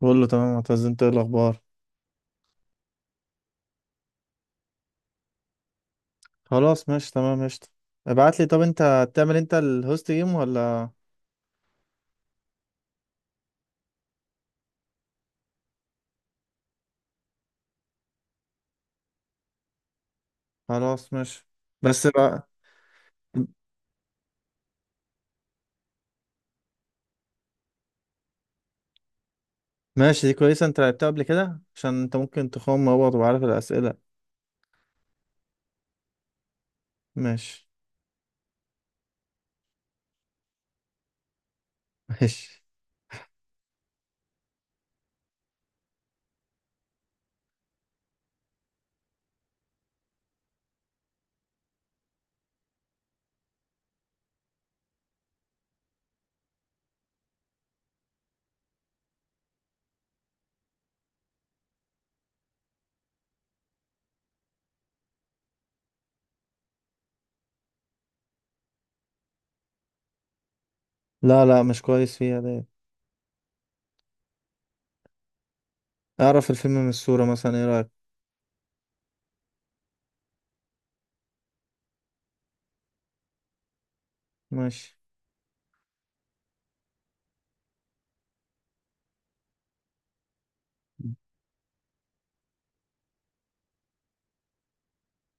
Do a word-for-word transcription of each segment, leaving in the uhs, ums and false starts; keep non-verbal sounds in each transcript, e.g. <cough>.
بقول له تمام معتز، انت ايه الاخبار؟ خلاص ماشي، تمام ماشي. ابعت لي، طب انت هتعمل، انت الهوست جيم ولا؟ خلاص ماشي. بس بقى. ماشي، دي كويسه، انت لعبتها قبل كده عشان انت ممكن تخوم مع بعض وعارف الاسئله. ماشي. <laughs> ماشي. لا لا مش كويس فيها ده. اعرف الفيلم من الصوره مثلا، ايه رايك؟ ماشي.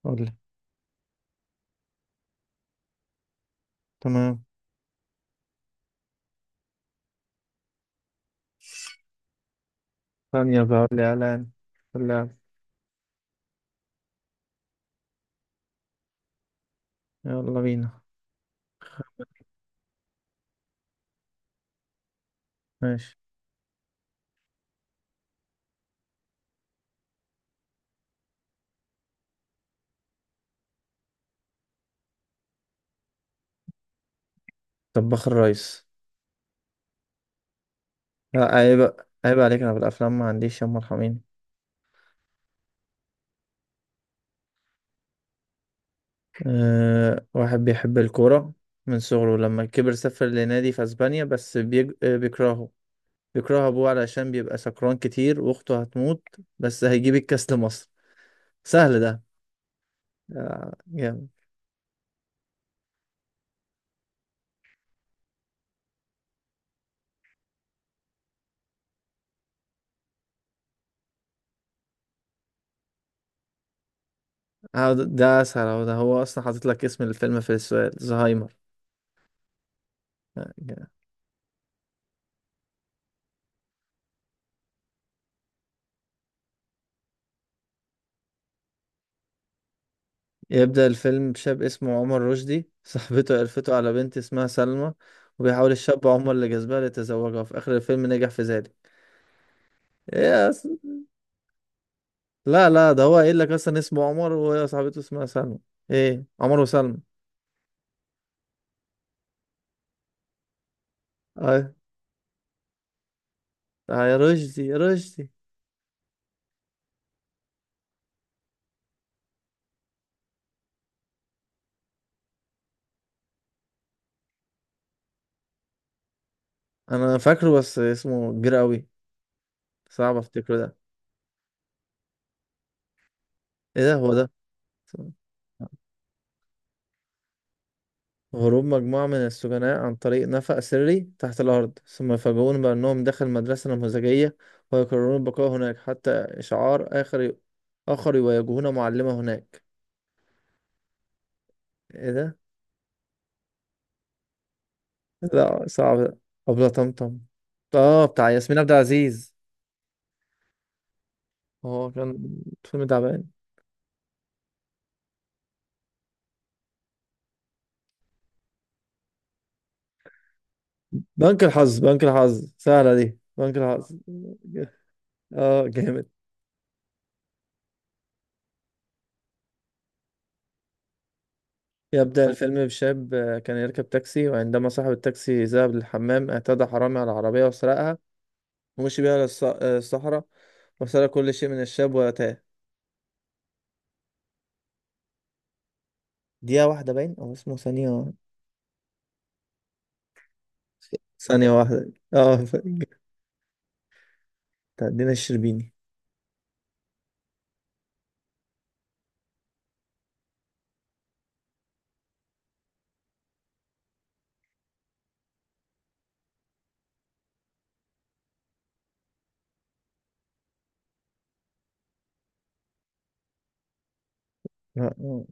قول لي. تمام. ثانيه بقى، قول لي اعلان اللعب، يلا بينا. ماشي. طباخ الريس. لا عيب، عيب عليك، انا في الافلام ما عنديش يا مرحمين. أه، واحد بيحب الكورة من صغره، لما كبر سافر لنادي في أسبانيا، بس بيج... آه، بيكرهه. بيكره أبوه علشان بيبقى سكران كتير، وأخته هتموت، بس هيجيب الكاس لمصر. سهل ده. آه، جامد. آه، ده أسهل أهو، ده هو أصلا حاطط لك اسم الفيلم في السؤال، زهايمر. آه، جامد. يبدأ الفيلم بشاب اسمه عمر رشدي <laughs> صاحبته قرفته على بنت اسمها سلمى، وبيحاول الشاب عمر اللي جذبها ليتزوجها، وفي آخر الفيلم نجح في ذلك. إيه يا أس- لا لا ده هو قايل لك اصلا اسمه عمر وهي صاحبته اسمها سلمى. ايه، عمر وسلمى. ايوه. اه يا رشدي يا رشدي. انا فاكره بس اسمه كبير قوي، صعب افتكره ده. ايه ده، هو ده. هروب مجموعة من السجناء عن طريق نفق سري تحت الأرض، ثم يفاجئون بأنهم داخل مدرسة نموذجية، ويقررون البقاء هناك حتى إشعار آخر آخر، ويواجهون معلمة هناك. إيه ده؟ لا صعب ده. أبلة طمطم. آه، بتاع ياسمين عبد العزيز. هو كان فيلم تعبان. بنك الحظ، بنك الحظ، سهلة دي، بنك الحظ. <laughs> اه جامد. يبدأ الفيلم بشاب آه، كان يركب تاكسي، وعندما صاحب التاكسي ذهب للحمام اعتدى حرامي على العربية وسرقها، ومشي بيها للص- آه، الصحراء وسرق كل شيء من الشاب وتاه. دقيقة واحدة، باين أو اسمه ثانية. ثانية واحدة. <laughs> اه ف- بتاع دينا الشربيني. لا، آه،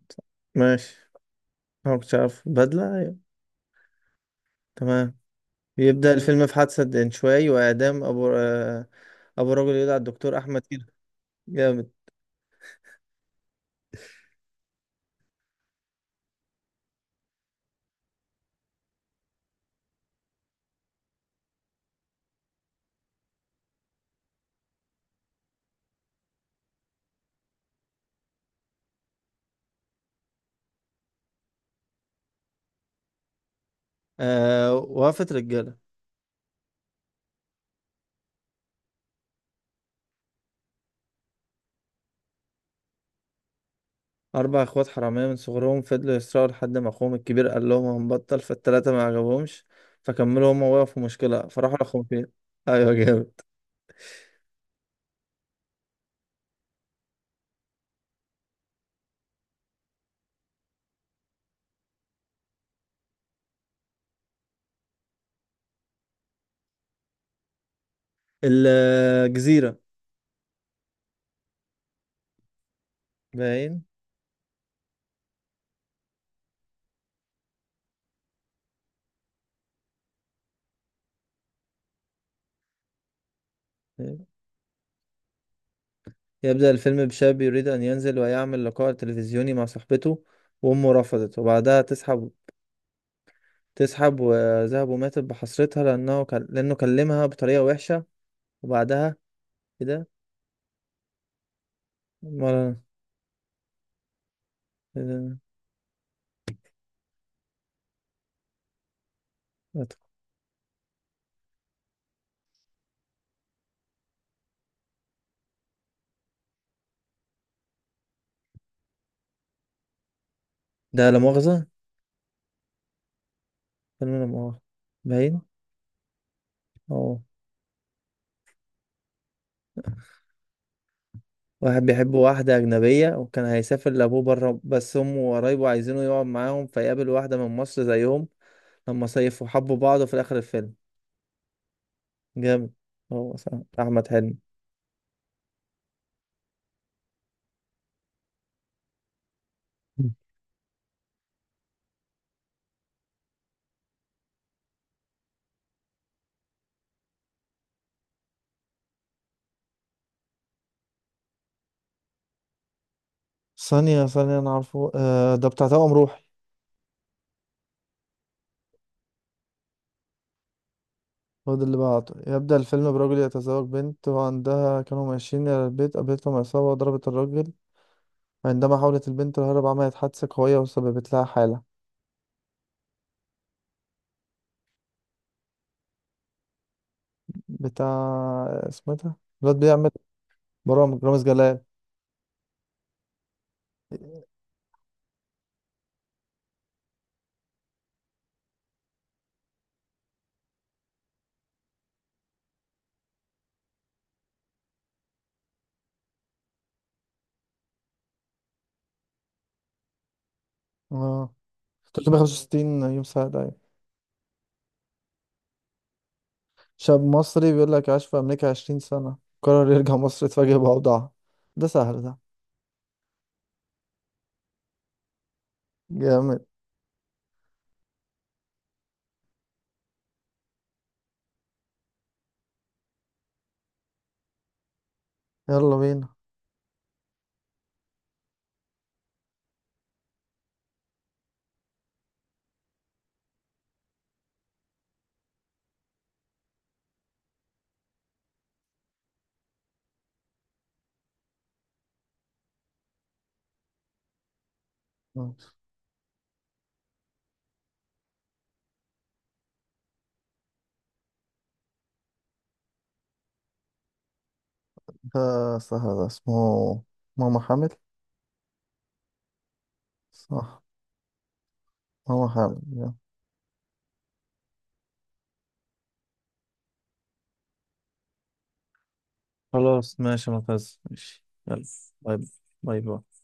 ماشي. أنا مكنتش عارف بدلة، أيوة. تمام. يبدأ الفيلم في حادثة دنشواي، وإعدام أبو آه، ابو الراجل، يدعى الدكتور احمد كده. جامد. آه، وقفت رجاله. اربع اخوات حراميه من صغرهم فضلوا يسرقوا، لحد ما اخوهم الكبير قال لهم هنبطل، فالتلاته ما عجبهمش فكملوا هم، وقفوا مشكله فراحوا لاخوهم فين. <laughs> ايوه جامد. الجزيره. باين. يبدأ الفيلم بشاب يريد أن ينزل ويعمل لقاء تلفزيوني مع صاحبته، وأمه رفضت، وبعدها تسحب تسحب وذهب، وماتت بحسرتها لأنه كان لأنه كلمها بطريقة وحشة، وبعدها كده. مرة. ده لا مؤاخذة. فيلم لا مؤاخذة. باين. اه، واحد بيحب واحدة أجنبية وكان هيسافر لأبوه برا، بس أمه وقرايبه عايزينه يقعد معاهم، فيقابل واحدة من مصر زيهم، لما صيفوا حبوا بعض في آخر الفيلم. جامد. هو صح. أحمد حلمي. مم. ثانية ثانية، أنا عارفه، آه ده بتاع توأم روحي. هو ده اللي بعته. يبدأ الفيلم برجل يتزوج بنت، وعندها كانوا ماشيين إلى البيت، قابلتهم عصابة وضربت الراجل، عندما حاولت البنت الهرب عملت حادثة قوية وسببت لها حالة. بتاع، اسمه ايه ده، الواد بيعمل برامج، رامز جلال. اه. ثلاثمية وخمسة وستين يوم سعد، أيوة. شاب مصري بيقول لك عاش في أمريكا عشرين سنة، قرر يرجع مصر، يتفاجئ بأوضاعها. ده سهل ده. جامد. يلا بينا. ده سهل ده، اسمه ماما حامل. صح. ماما حامل، يلا. خلاص ماشي يا معتز، ماشي يلا. باي. باي باي.